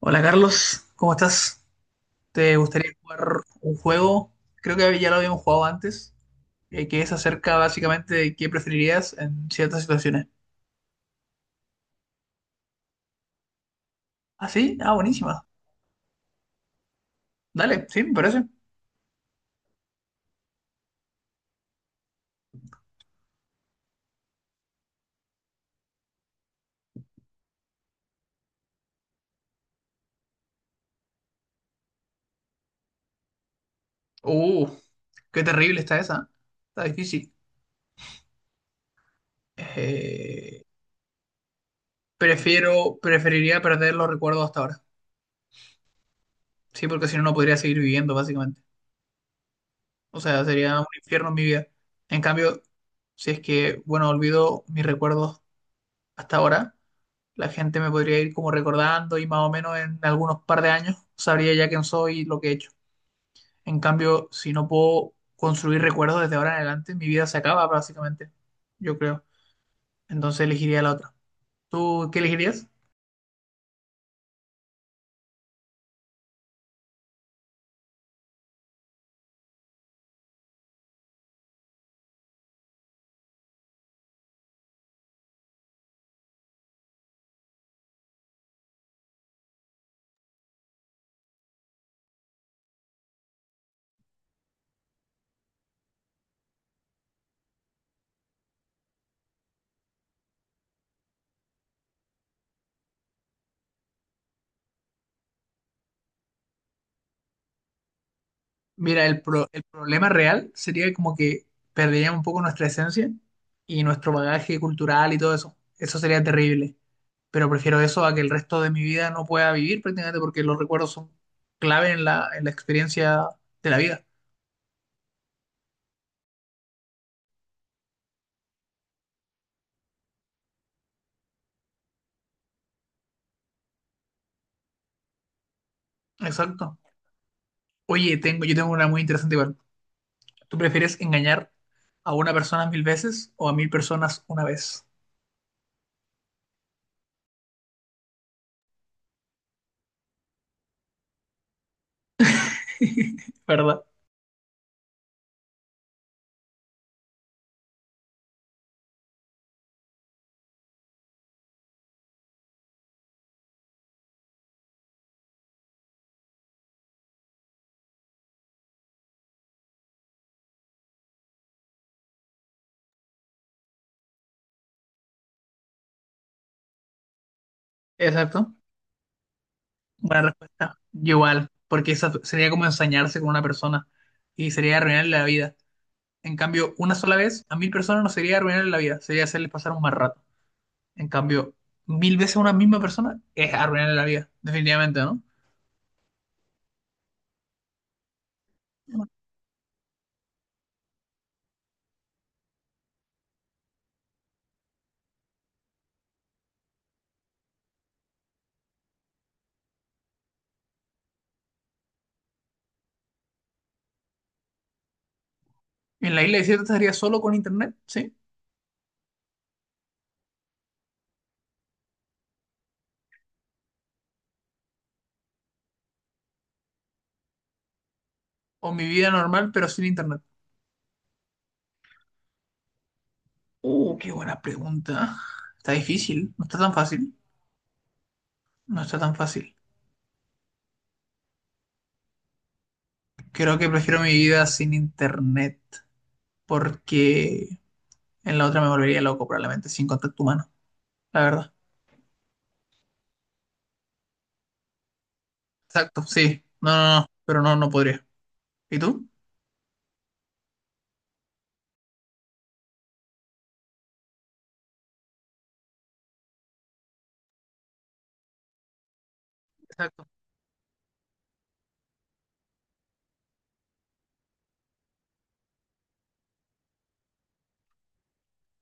Hola, Carlos, ¿cómo estás? ¿Te gustaría jugar un juego? Creo que ya lo habíamos jugado antes, que es acerca básicamente de qué preferirías en ciertas situaciones. ¿Ah, sí? Ah, buenísima. Dale, sí, me parece. Uh, qué terrible está esa. Está difícil. Eh, Preferiría perder los recuerdos hasta ahora. Sí, porque si no, no podría seguir viviendo, básicamente. O sea, sería un infierno en mi vida. En cambio, si es que, bueno, olvido mis recuerdos hasta ahora. La gente me podría ir como recordando y más o menos en algunos par de años sabría ya quién soy y lo que he hecho. En cambio, si no puedo construir recuerdos desde ahora en adelante, mi vida se acaba básicamente, yo creo. Entonces elegiría la otra. ¿Tú qué elegirías? Mira, el problema real sería como que perderíamos un poco nuestra esencia y nuestro bagaje cultural y todo eso. Eso sería terrible. Pero prefiero eso a que el resto de mi vida no pueda vivir prácticamente porque los recuerdos son clave en la experiencia de la vida. Exacto. Oye, yo tengo una muy interesante igual. ¿Tú prefieres engañar a una persona 1000 veces o a 1000 personas una vez? ¿Verdad? Exacto. Buena respuesta. Yo igual, porque esa sería como ensañarse con una persona y sería arruinarle la vida. En cambio, una sola vez a 1000 personas no sería arruinarle la vida, sería hacerles pasar un mal rato. En cambio, 1000 veces a una misma persona es arruinarle la vida, definitivamente, ¿no? En la isla desierta estaría solo con internet, ¿sí? O mi vida normal, pero sin internet. Qué buena pregunta. Está difícil, no está tan fácil, no está tan fácil. Creo que prefiero mi vida sin internet porque en la otra me volvería loco probablemente sin contacto humano, la verdad. Exacto, sí. No, no, no, pero no, no podría. ¿Y tú? Exacto,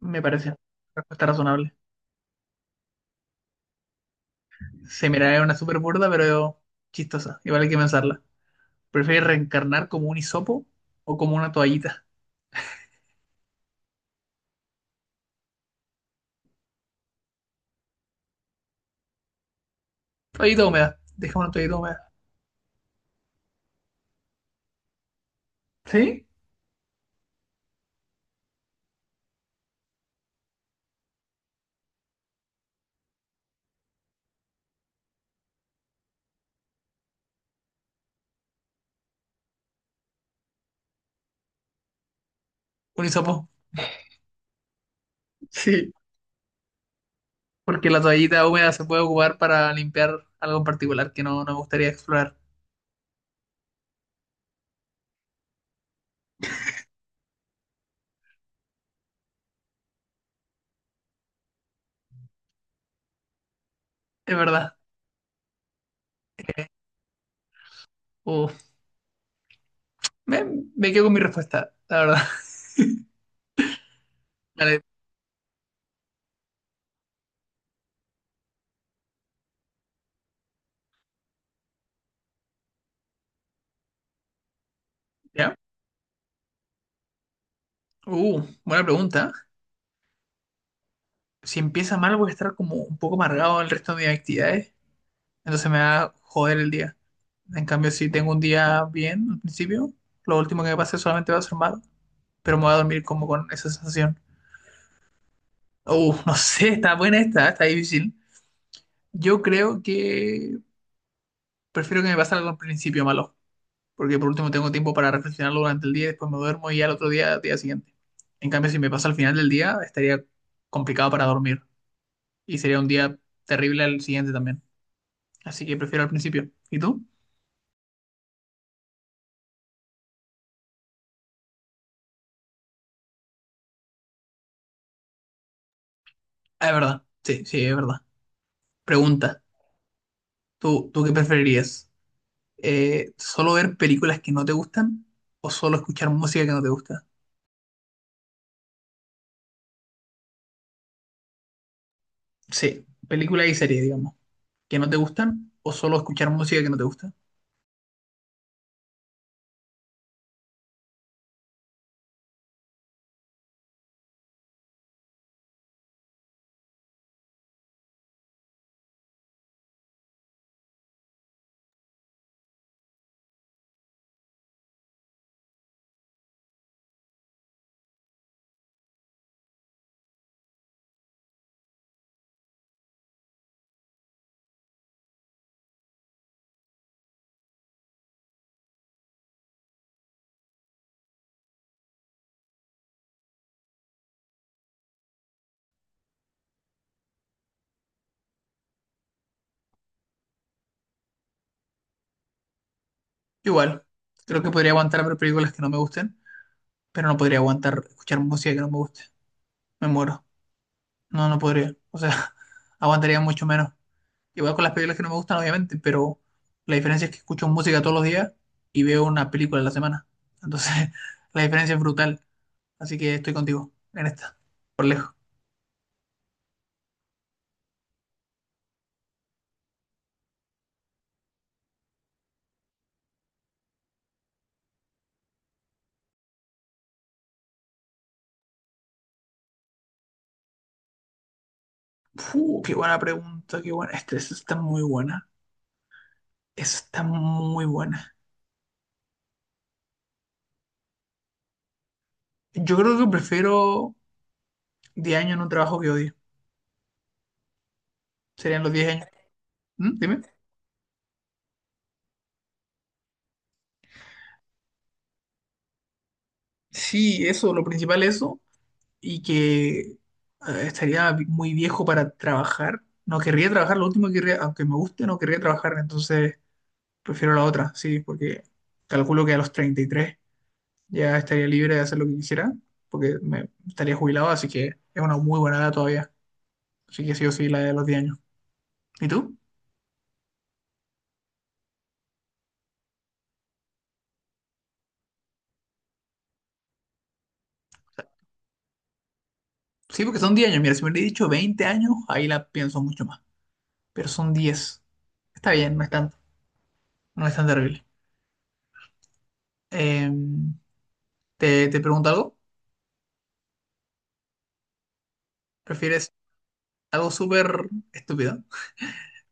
me parece. Respuesta razonable. Se miraría una súper burda, pero chistosa. Igual hay que pensarla. ¿Prefieres reencarnar como un hisopo o como una toallita? Toallita húmeda. Deja una toallita húmeda. ¿Sí? Un hisopo. Sí. Porque la toallita húmeda se puede ocupar para limpiar algo en particular que no me gustaría explorar. Es verdad. Uh, me, me quedo con mi respuesta, la verdad. Vale, ya. Buena pregunta. Si empieza mal, voy a estar como un poco amargado el resto de mis actividades. Entonces me va a joder el día. En cambio, si tengo un día bien al principio, lo último que me pase solamente va a ser malo. Pero me voy a dormir como con esa sensación. No sé, está buena esta, ¿eh? Está difícil. Yo creo que prefiero que me pase algo al principio malo, porque por último tengo tiempo para reflexionarlo durante el día y después me duermo y al otro día siguiente. En cambio, si me pasa al final del día, estaría complicado para dormir y sería un día terrible al siguiente también. Así que prefiero al principio. ¿Y tú? Ah, es verdad. Sí, sí, es verdad. Pregunta, tú qué preferirías. ¿Solo ver películas que no te gustan o solo escuchar música que no te gusta? Sí, películas y series, digamos, que no te gustan o solo escuchar música que no te gusta. Igual, creo que podría aguantar ver películas que no me gusten, pero no podría aguantar escuchar música que no me guste. Me muero. No podría. O sea, aguantaría mucho menos. Igual con las películas que no me gustan, obviamente, pero la diferencia es que escucho música todos los días y veo una película a la semana. Entonces, la diferencia es brutal. Así que estoy contigo en esta, por lejos. Fu, qué buena pregunta, qué buena. Esta está muy buena. Esta está muy buena. Yo creo que prefiero 10 años en un trabajo que odio. Serían los 10 años. ¿Mm? Dime. Sí, eso, lo principal es eso, y que muy viejo para trabajar. No querría trabajar, lo último que querría, aunque me guste, no querría trabajar, entonces prefiero la otra, sí, porque calculo que a los 33 ya estaría libre de hacer lo que quisiera, porque me estaría jubilado, así que es una muy buena edad todavía. Así que sí o sí, la de los 10 años. ¿Y tú? Sí, porque son 10 años. Mira, si me hubiera dicho 20 años, ahí la pienso mucho más. Pero son diez. Está bien, no es tanto, no es tan terrible. Em, ¿te pregunto algo? ¿Prefieres algo súper estúpido?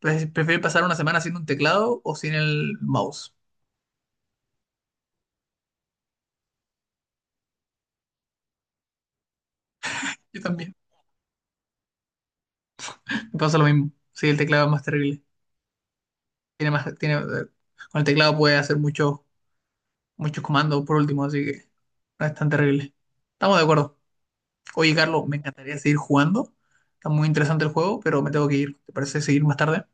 Pues, prefiero pasar una semana sin un teclado o sin el mouse. Yo también. Me pasa lo mismo. Sí, el teclado es más terrible. Tiene, con el teclado puedes hacer muchos comandos por último, así que no es tan terrible. Estamos de acuerdo. Oye, Carlos, me encantaría seguir jugando. Está muy interesante el juego, pero me tengo que ir. ¿Te parece seguir más tarde?